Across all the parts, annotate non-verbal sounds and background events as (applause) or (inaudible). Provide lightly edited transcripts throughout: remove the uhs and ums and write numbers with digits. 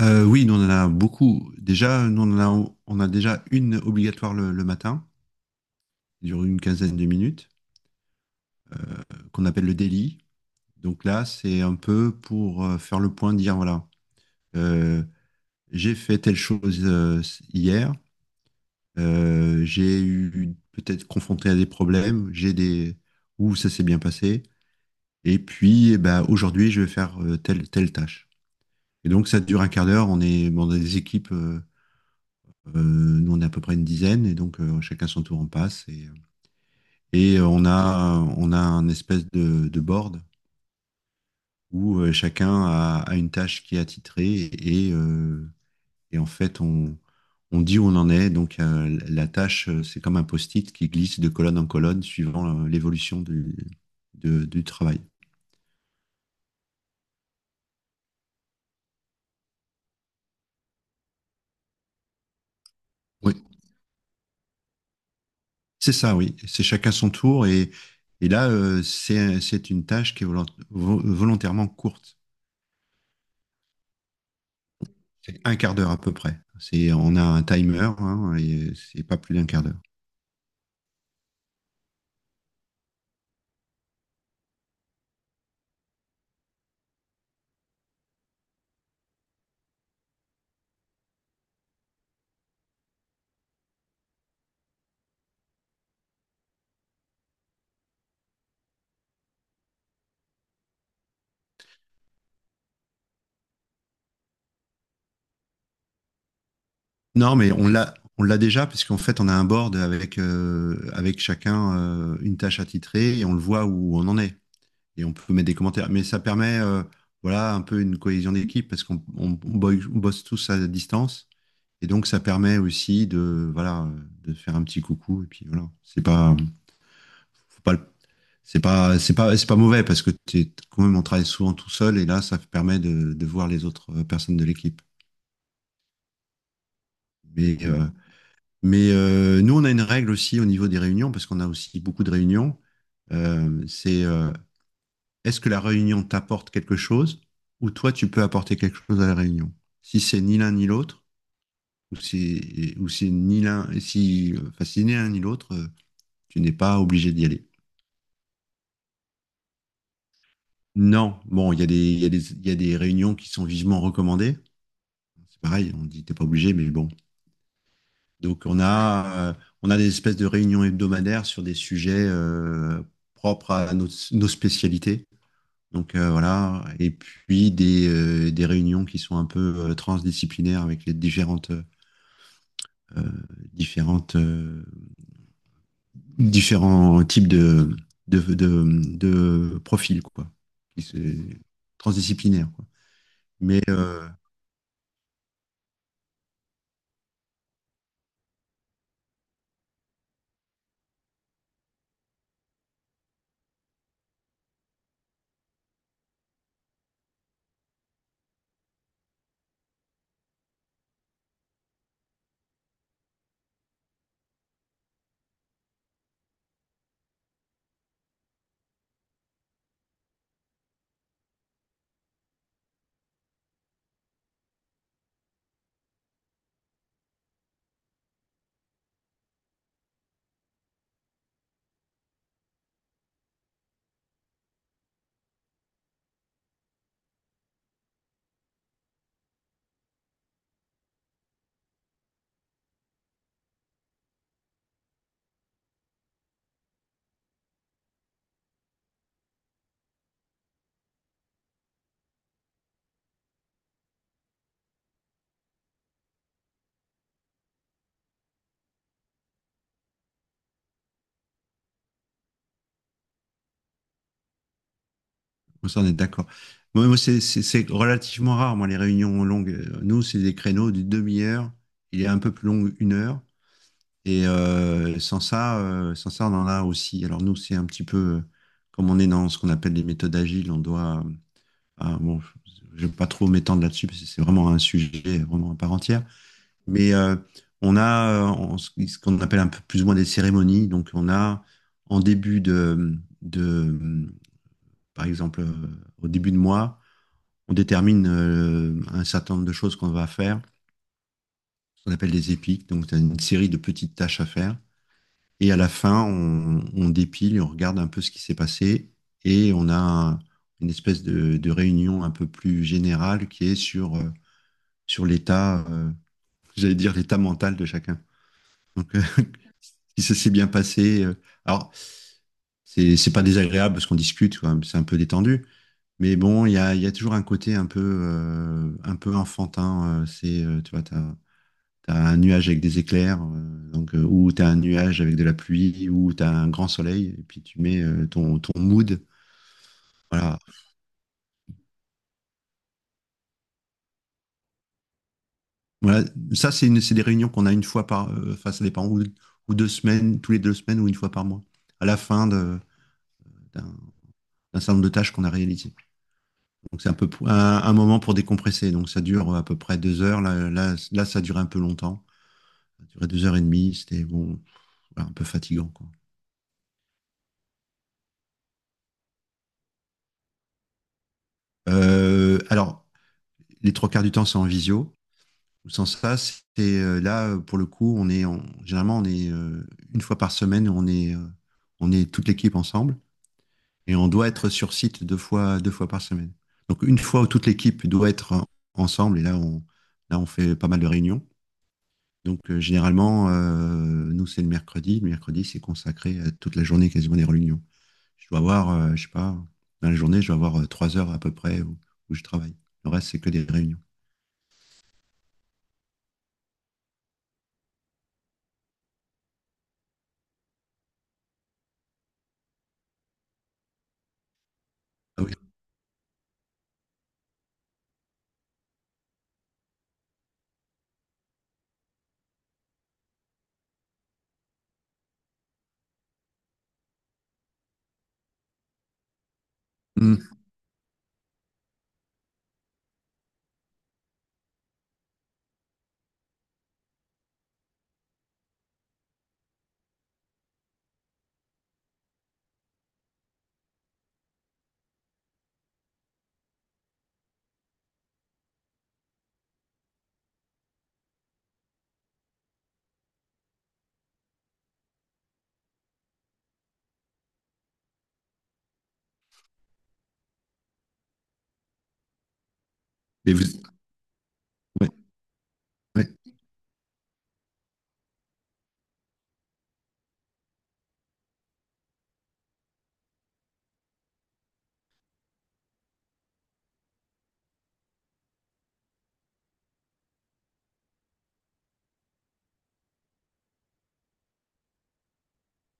Oui, nous on en a beaucoup. Déjà, nous on en a, on a déjà une obligatoire le matin, qui dure une quinzaine de minutes, qu'on appelle le daily. Donc là, c'est un peu pour faire le point, dire voilà, euh, j'ai fait telle chose hier, j'ai eu peut-être confronté à des problèmes, j'ai des où ça s'est bien passé, et puis eh ben, aujourd'hui je vais faire telle tâche. Et donc ça dure un quart d'heure. On est dans des équipes. Nous, on est à peu près une dizaine, et donc chacun son tour en passe. Et on a un espèce de board où chacun a, a une tâche qui est attitrée, et en fait, on dit où on en est. Donc, la tâche, c'est comme un post-it qui glisse de colonne en colonne suivant l'évolution du, du travail. Oui, c'est ça, oui. C'est chacun son tour, et là, c'est une tâche qui est volontairement courte. C'est un quart d'heure à peu près. C'est, on a un timer, hein, et c'est pas plus d'un quart d'heure. Non, mais on l'a déjà, puisqu'en fait, on a un board avec, avec chacun une tâche attitrée et on le voit où on en est. Et on peut mettre des commentaires. Mais ça permet, voilà, un peu une cohésion d'équipe parce qu'on on bosse tous à distance. Et donc, ça permet aussi de, voilà, de faire un petit coucou. Et puis, voilà, faut pas le c'est pas mauvais parce que t'es quand même on travaille souvent tout seul et là ça permet de voir les autres personnes de l'équipe. Mais euh, Nous on a une règle aussi au niveau des réunions parce qu'on a aussi beaucoup de réunions. C'est Est-ce que la réunion t'apporte quelque chose ou toi tu peux apporter quelque chose à la réunion. Si c'est ni l'un ni l'autre ou si ou c'est ni l'un si enfin si ni l'un ni l'autre, tu n'es pas obligé d'y aller. Non, bon, il y a des réunions qui sont vivement recommandées. C'est pareil, on dit t'es pas obligé, mais bon. Donc on a des espèces de réunions hebdomadaires sur des sujets propres à nos, nos spécialités. Donc voilà, et puis des réunions qui sont un peu transdisciplinaires avec les différentes, euh, différentes, euh, différents types de profils, quoi, qui se- transdisciplinaires, quoi. Mais euh, Moi, ça, on est d'accord. Moi, c'est c'est relativement rare, moi, les réunions longues. Nous, c'est des créneaux d'une demi-heure. Il est un peu plus long, une heure. Et sans ça, on en a aussi. Alors, nous, c'est un petit peu, comme on est dans ce qu'on appelle les méthodes agiles, on doit. Ah, bon, je ne vais pas trop m'étendre là-dessus, parce que c'est vraiment un sujet vraiment à part entière. Mais euh, on a ce qu'on appelle un peu plus ou moins des cérémonies. Donc, on a en début de par exemple, au début de mois, on détermine un certain nombre de choses qu'on va faire, ce qu'on appelle des épiques, donc tu une série de petites tâches à faire. Et à la fin, on dépile et on regarde un peu ce qui s'est passé et on a une espèce de réunion un peu plus générale qui est sur, sur l'état, j'allais dire l'état mental de chacun. Donc, (laughs) si ça s'est bien passé, alors c'est pas désagréable parce qu'on discute, quoi, c'est un peu détendu. Mais bon, il y a toujours un côté un peu enfantin. Tu vois, t'as un nuage avec des éclairs, ou t'as un nuage avec de la pluie, ou t'as un grand soleil, et puis tu mets ton, ton mood. Voilà. Voilà. Ça, c'est c'est des réunions qu'on a une fois par, enfin, ça dépend, ou deux semaines, tous les deux semaines, ou une fois par mois, à la fin d'un d'un certain nombre de tâches qu'on a réalisées. Donc, c'est un peu un moment pour décompresser. Donc, ça dure à peu près deux heures. Là, ça dure un peu longtemps. Ça durait deux heures et demie. C'était bon, voilà, un peu fatigant, quoi. Alors, les trois quarts du temps, c'est en visio. Sans ça, c'est là pour le coup, on est en, généralement on est une fois par semaine, on est toute l'équipe ensemble et on doit être sur site deux fois par semaine. Donc une fois où toute l'équipe doit être ensemble et là on fait pas mal de réunions. Donc généralement nous c'est le mercredi c'est consacré à toute la journée quasiment des réunions. Je dois avoir je sais pas dans la journée je dois avoir trois heures à peu près où, où je travaille. Le reste c'est que des réunions. Ah oui. Mmh. Et vous... Ouais. Ouais.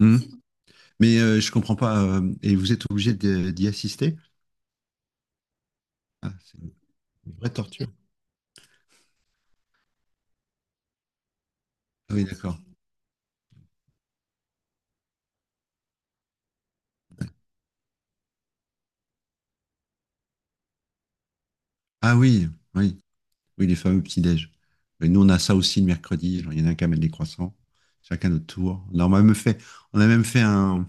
Mmh. Je comprends pas. Et vous êtes obligé d'y assister? Ah, c'est une vraie torture. Ah oui, d'accord. Ah oui, oui, oui, les fameux petits-déj. Et nous, on a ça aussi le mercredi. Genre, il y en a un qui amène des croissants, chacun notre tour. Alors, on a même fait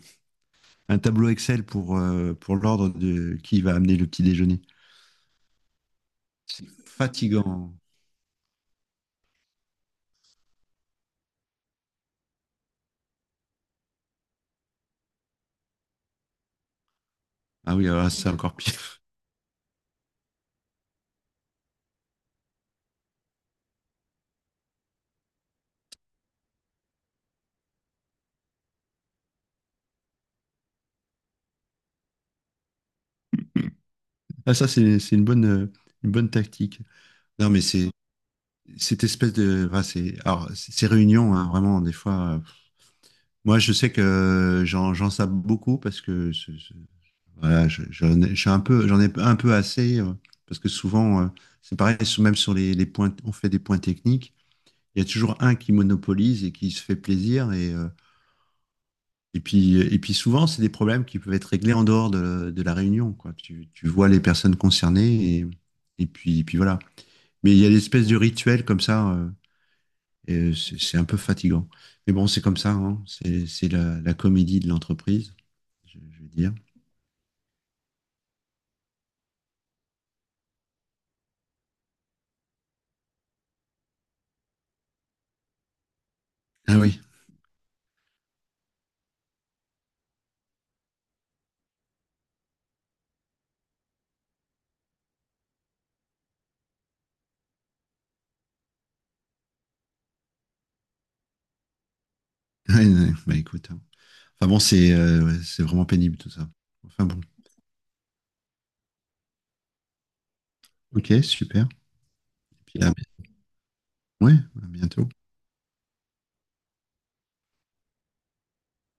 un tableau Excel pour l'ordre de qui va amener le petit déjeuner. C'est fatigant. Ah oui, alors là, c'est encore pire. (laughs) Ah, ça, c'est une bonne tactique. Non, mais c'est cette espèce de. Enfin, c'est, alors, ces réunions, hein, vraiment, des fois. Moi, je sais que j'en sape beaucoup parce que voilà, je suis un peu, j'en ai un peu assez parce que souvent, c'est pareil, même sur les points, on fait des points techniques, il y a toujours un qui monopolise et qui se fait plaisir et puis souvent, c'est des problèmes qui peuvent être réglés en dehors de la réunion, quoi. Tu vois les personnes concernées et puis voilà. Mais il y a l'espèce de rituel comme ça, et c'est un peu fatigant. Mais bon, c'est comme ça, hein. C'est la, la comédie de l'entreprise. Je veux dire. Ah oui, ouais, ouais, bah écoute. Hein. Enfin bon, c'est ouais, c'est vraiment pénible tout ça. Enfin bon. Ok, super. Puis à- ouais, à bientôt.